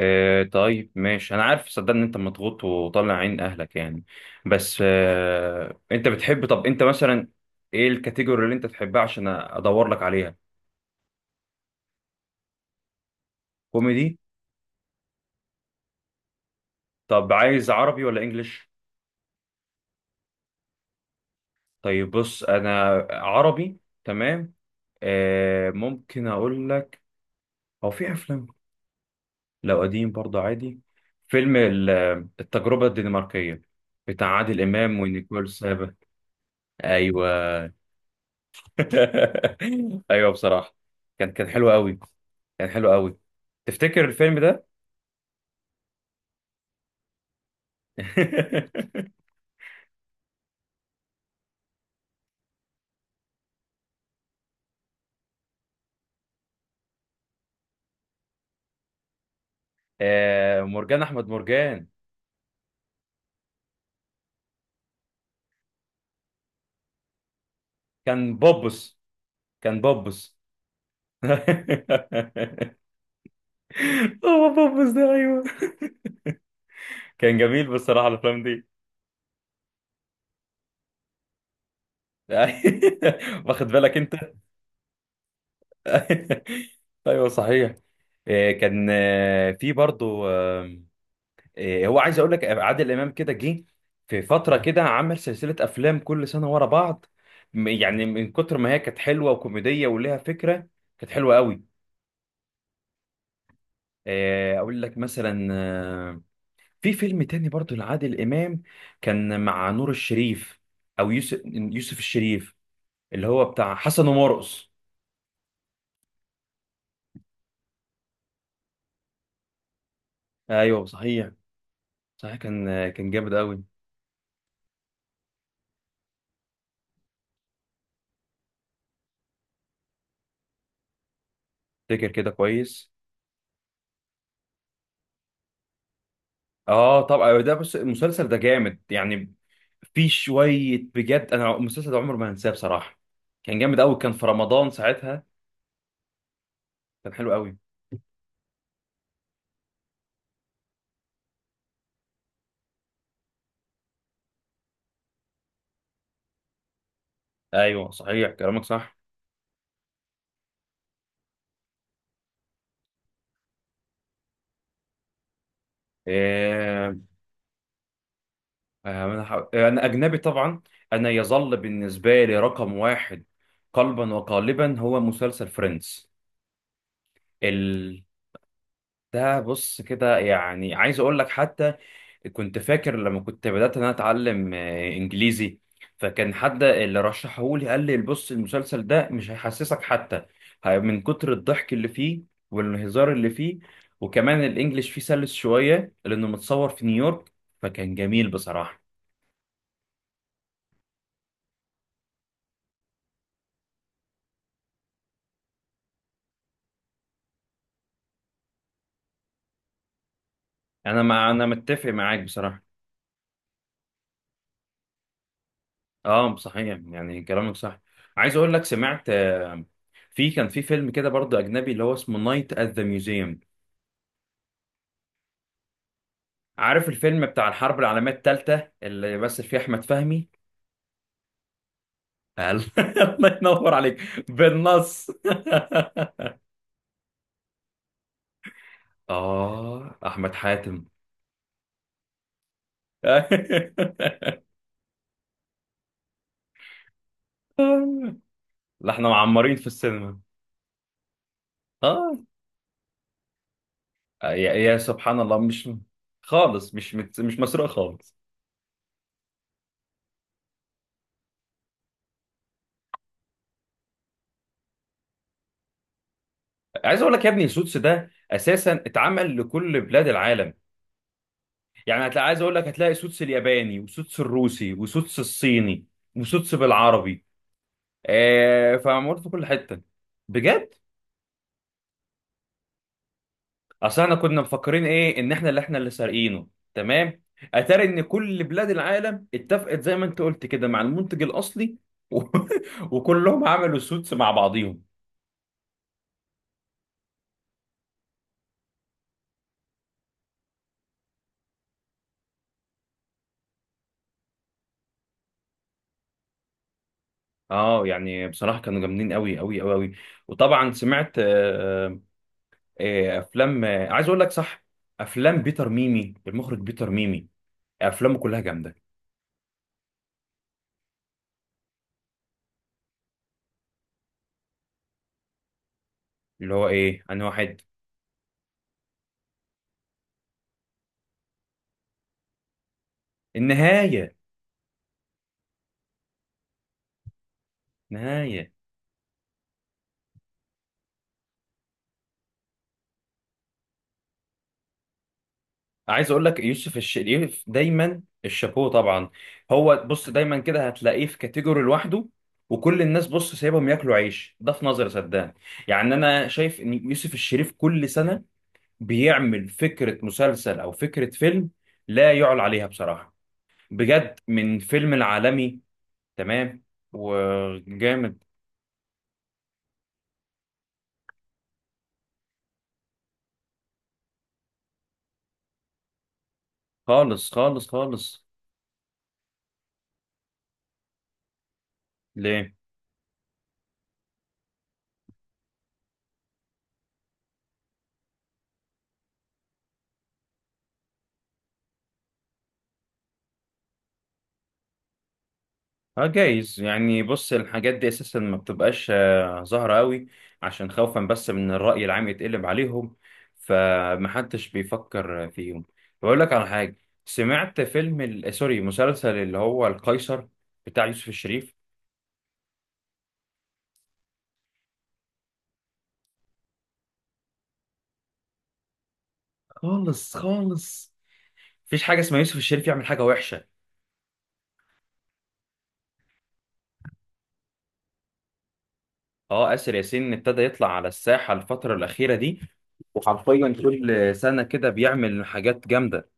آه، طيب، ماشي. انا عارف صدق ان انت مضغوط وطالع عين اهلك يعني. بس انت بتحب؟ طب انت مثلا ايه الكاتيجوري اللي انت تحبها عشان ادور لك عليها؟ كوميدي. طب عايز عربي ولا انجليش؟ طيب بص، انا عربي تمام. ممكن اقول لك. هو في افلام؟ لو قديم برضه عادي. فيلم التجربة الدنماركية، بتاع عادل امام ونيكول سابا. ايوه. ايوه بصراحه، كان حلو قوي، كان حلو قوي. تفتكر الفيلم ده؟ مرجان احمد مرجان. كان بوبس، كان بوبس. هو بوبس ده، ايوه. كان جميل بصراحه الافلام دي. واخد بالك انت. ايوه صحيح. آه، كان آه، في برضو. هو عايز اقول لك عادل امام كده جه في فتره كده، عمل سلسله افلام كل سنه ورا بعض. يعني من كتر ما هي كانت حلوه وكوميديه وليها فكره، كانت حلوه قوي. اقول لك مثلا. في فيلم تاني برضو لعادل امام، كان مع نور الشريف. او يوسف الشريف، اللي هو بتاع حسن ومرقص. ايوه صحيح. صحيح، كان جامد قوي. فاكر كده كويس. اه طبعا، ده بص المسلسل ده جامد يعني. في شويه بجد، انا المسلسل ده عمر ما هنساه بصراحه. كان جامد قوي، كان في رمضان ساعتها. كان حلو قوي. ايوه صحيح كلامك صح. آه أنا اجنبي طبعا. انا يظل بالنسبه لي رقم واحد قلبا وقالبا هو مسلسل فريندز. ال ده بص كده، يعني عايز اقول لك حتى، كنت فاكر لما كنت بدأت ان انا اتعلم انجليزي. فكان حد اللي رشحهولي قال لي بص المسلسل ده مش هيحسسك حتى، من كتر الضحك اللي فيه والهزار اللي فيه، وكمان الانجليش فيه سلس شوية لانه متصور في نيويورك. فكان جميل بصراحة. انا متفق معاك بصراحة. اه صحيح يعني كلامك صح. عايز اقول لك سمعت، كان في فيلم كده برضه اجنبي اللي هو اسمه نايت ات ذا ميوزيوم. عارف الفيلم بتاع الحرب العالمية الثالثة اللي مثل فيه أحمد فهمي؟ قال. الله ينور عليك. بالنص. أحمد حاتم. لا احنا معمرين في السينما. آه يا سبحان الله. مش خالص، مش مسروق خالص. عايز أقول لك يا ابني سوتس ده أساسا اتعمل لكل بلاد العالم، يعني هتلاقي، عايز أقول لك، هتلاقي سوتس الياباني وسوتس الروسي وسوتس الصيني وسوتس بالعربي. فمعمول في كل حته، بجد. اصل احنا كنا مفكرين ايه ان احنا اللي سارقينه. تمام. اتاري ان كل بلاد العالم اتفقت زي ما انت قلت كده مع المنتج الاصلي، و... وكلهم عملوا سوتس مع بعضيهم. اه يعني بصراحه كانوا جامدين قوي قوي قوي قوي. وطبعا سمعت، افلام، عايز اقول لك، صح، افلام بيتر ميمي، المخرج بيتر ميمي، افلامه كلها جامده. اللي هو ايه، انا واحد. النهايه. نهايه عايز اقول لك يوسف الشريف دايما الشابوه طبعا. هو بص دايما كده هتلاقيه في كاتيجوري لوحده، وكل الناس بص سايبهم ياكلوا عيش. ده في نظري، صدقني، يعني انا شايف ان يوسف الشريف كل سنه بيعمل فكره مسلسل او فكره فيلم لا يعلى عليها بصراحه، بجد، من فيلم العالمي. تمام وجامد. خالص خالص خالص. ليه؟ اه جايز يعني. بص الحاجات دي اساسا ما بتبقاش ظاهره قوي، عشان خوفا بس من الراي العام يتقلب عليهم، فمحدش بيفكر فيهم. بقول لك على حاجه، سمعت فيلم ال... آه، سوري، مسلسل، اللي هو القيصر بتاع يوسف الشريف. خالص خالص. مفيش حاجه اسمها يوسف الشريف يعمل حاجه وحشه. اه، آسر ياسين ابتدى يطلع على الساحه الفتره الاخيره دي، وحرفيا كل سنه كده بيعمل حاجات جامده.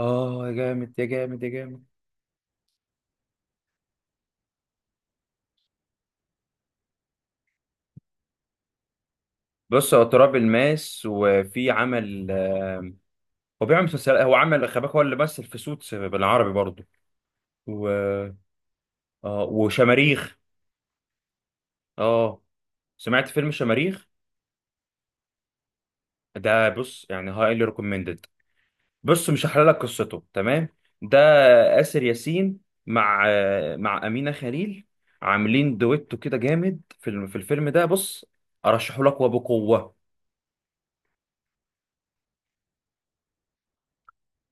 اه يا جامد يا جامد يا جامد. بص، هو تراب الماس، وفي عمل، هو بيعمل مسلسل، هو عمل خباك، هو اللي مثل في سوتس بالعربي برضه. و... آه وشماريخ. اه، سمعت فيلم شماريخ؟ ده بص يعني هايلي ريكومندد. بص مش هحلل لك قصته. تمام. ده آسر ياسين مع مع أمينة خليل، عاملين دويتو كده جامد في في الفيلم ده. بص ارشحه لك وبقوة.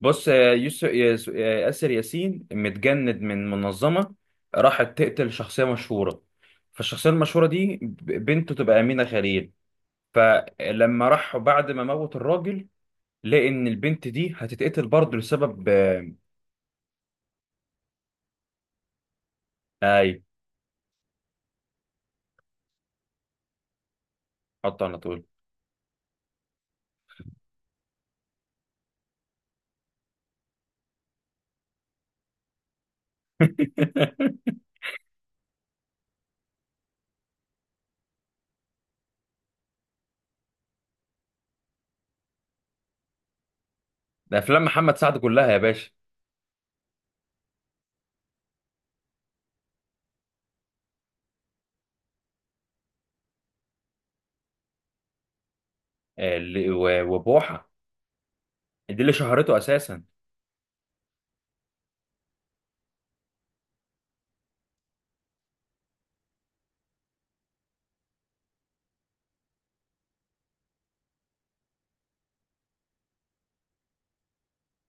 بص، آه، يوسف ياس- آه، ياسر ياسين متجند من منظمة راحت تقتل شخصية مشهورة، فالشخصية المشهورة دي بنته تبقى أمينة خليل. فلما راح بعد ما موت الراجل، لقى إن البنت دي هتتقتل برضه لسبب أي. حط على طول. ده أفلام محمد سعد كلها يا باشا. آه، اللي- و- وبوحة، دي اللي شهرته أساسا.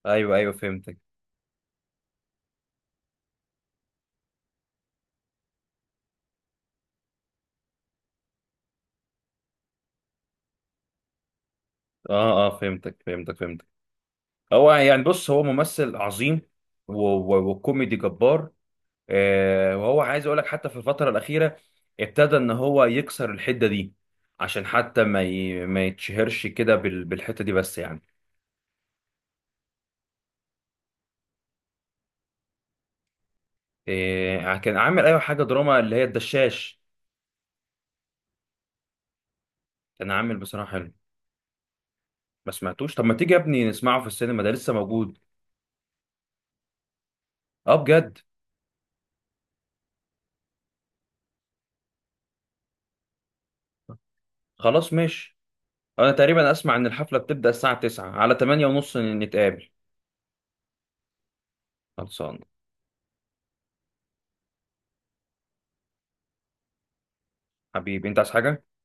أيوه أيوه فهمتك. أه أه فهمتك فهمتك فهمتك. هو يعني بص هو ممثل عظيم و- و- وكوميدي جبار. وهو عايز اقول لك حتى في الفترة الأخيرة ابتدى ان هو يكسر الحدة دي، عشان حتى ما ما يتشهرش كده بال- بالحتة دي بس يعني. كان عامل، ايوه، حاجة دراما اللي هي الدشاش. كان عامل بصراحة حلو. ما سمعتوش؟ طب ما تيجي يا ابني نسمعه في السينما، ده لسه موجود. اه بجد. خلاص ماشي. انا تقريبا اسمع ان الحفلة بتبدأ الساعة 9 على 8 ونص، نتقابل. خلصان. حبيبي، انت عايز حاجة؟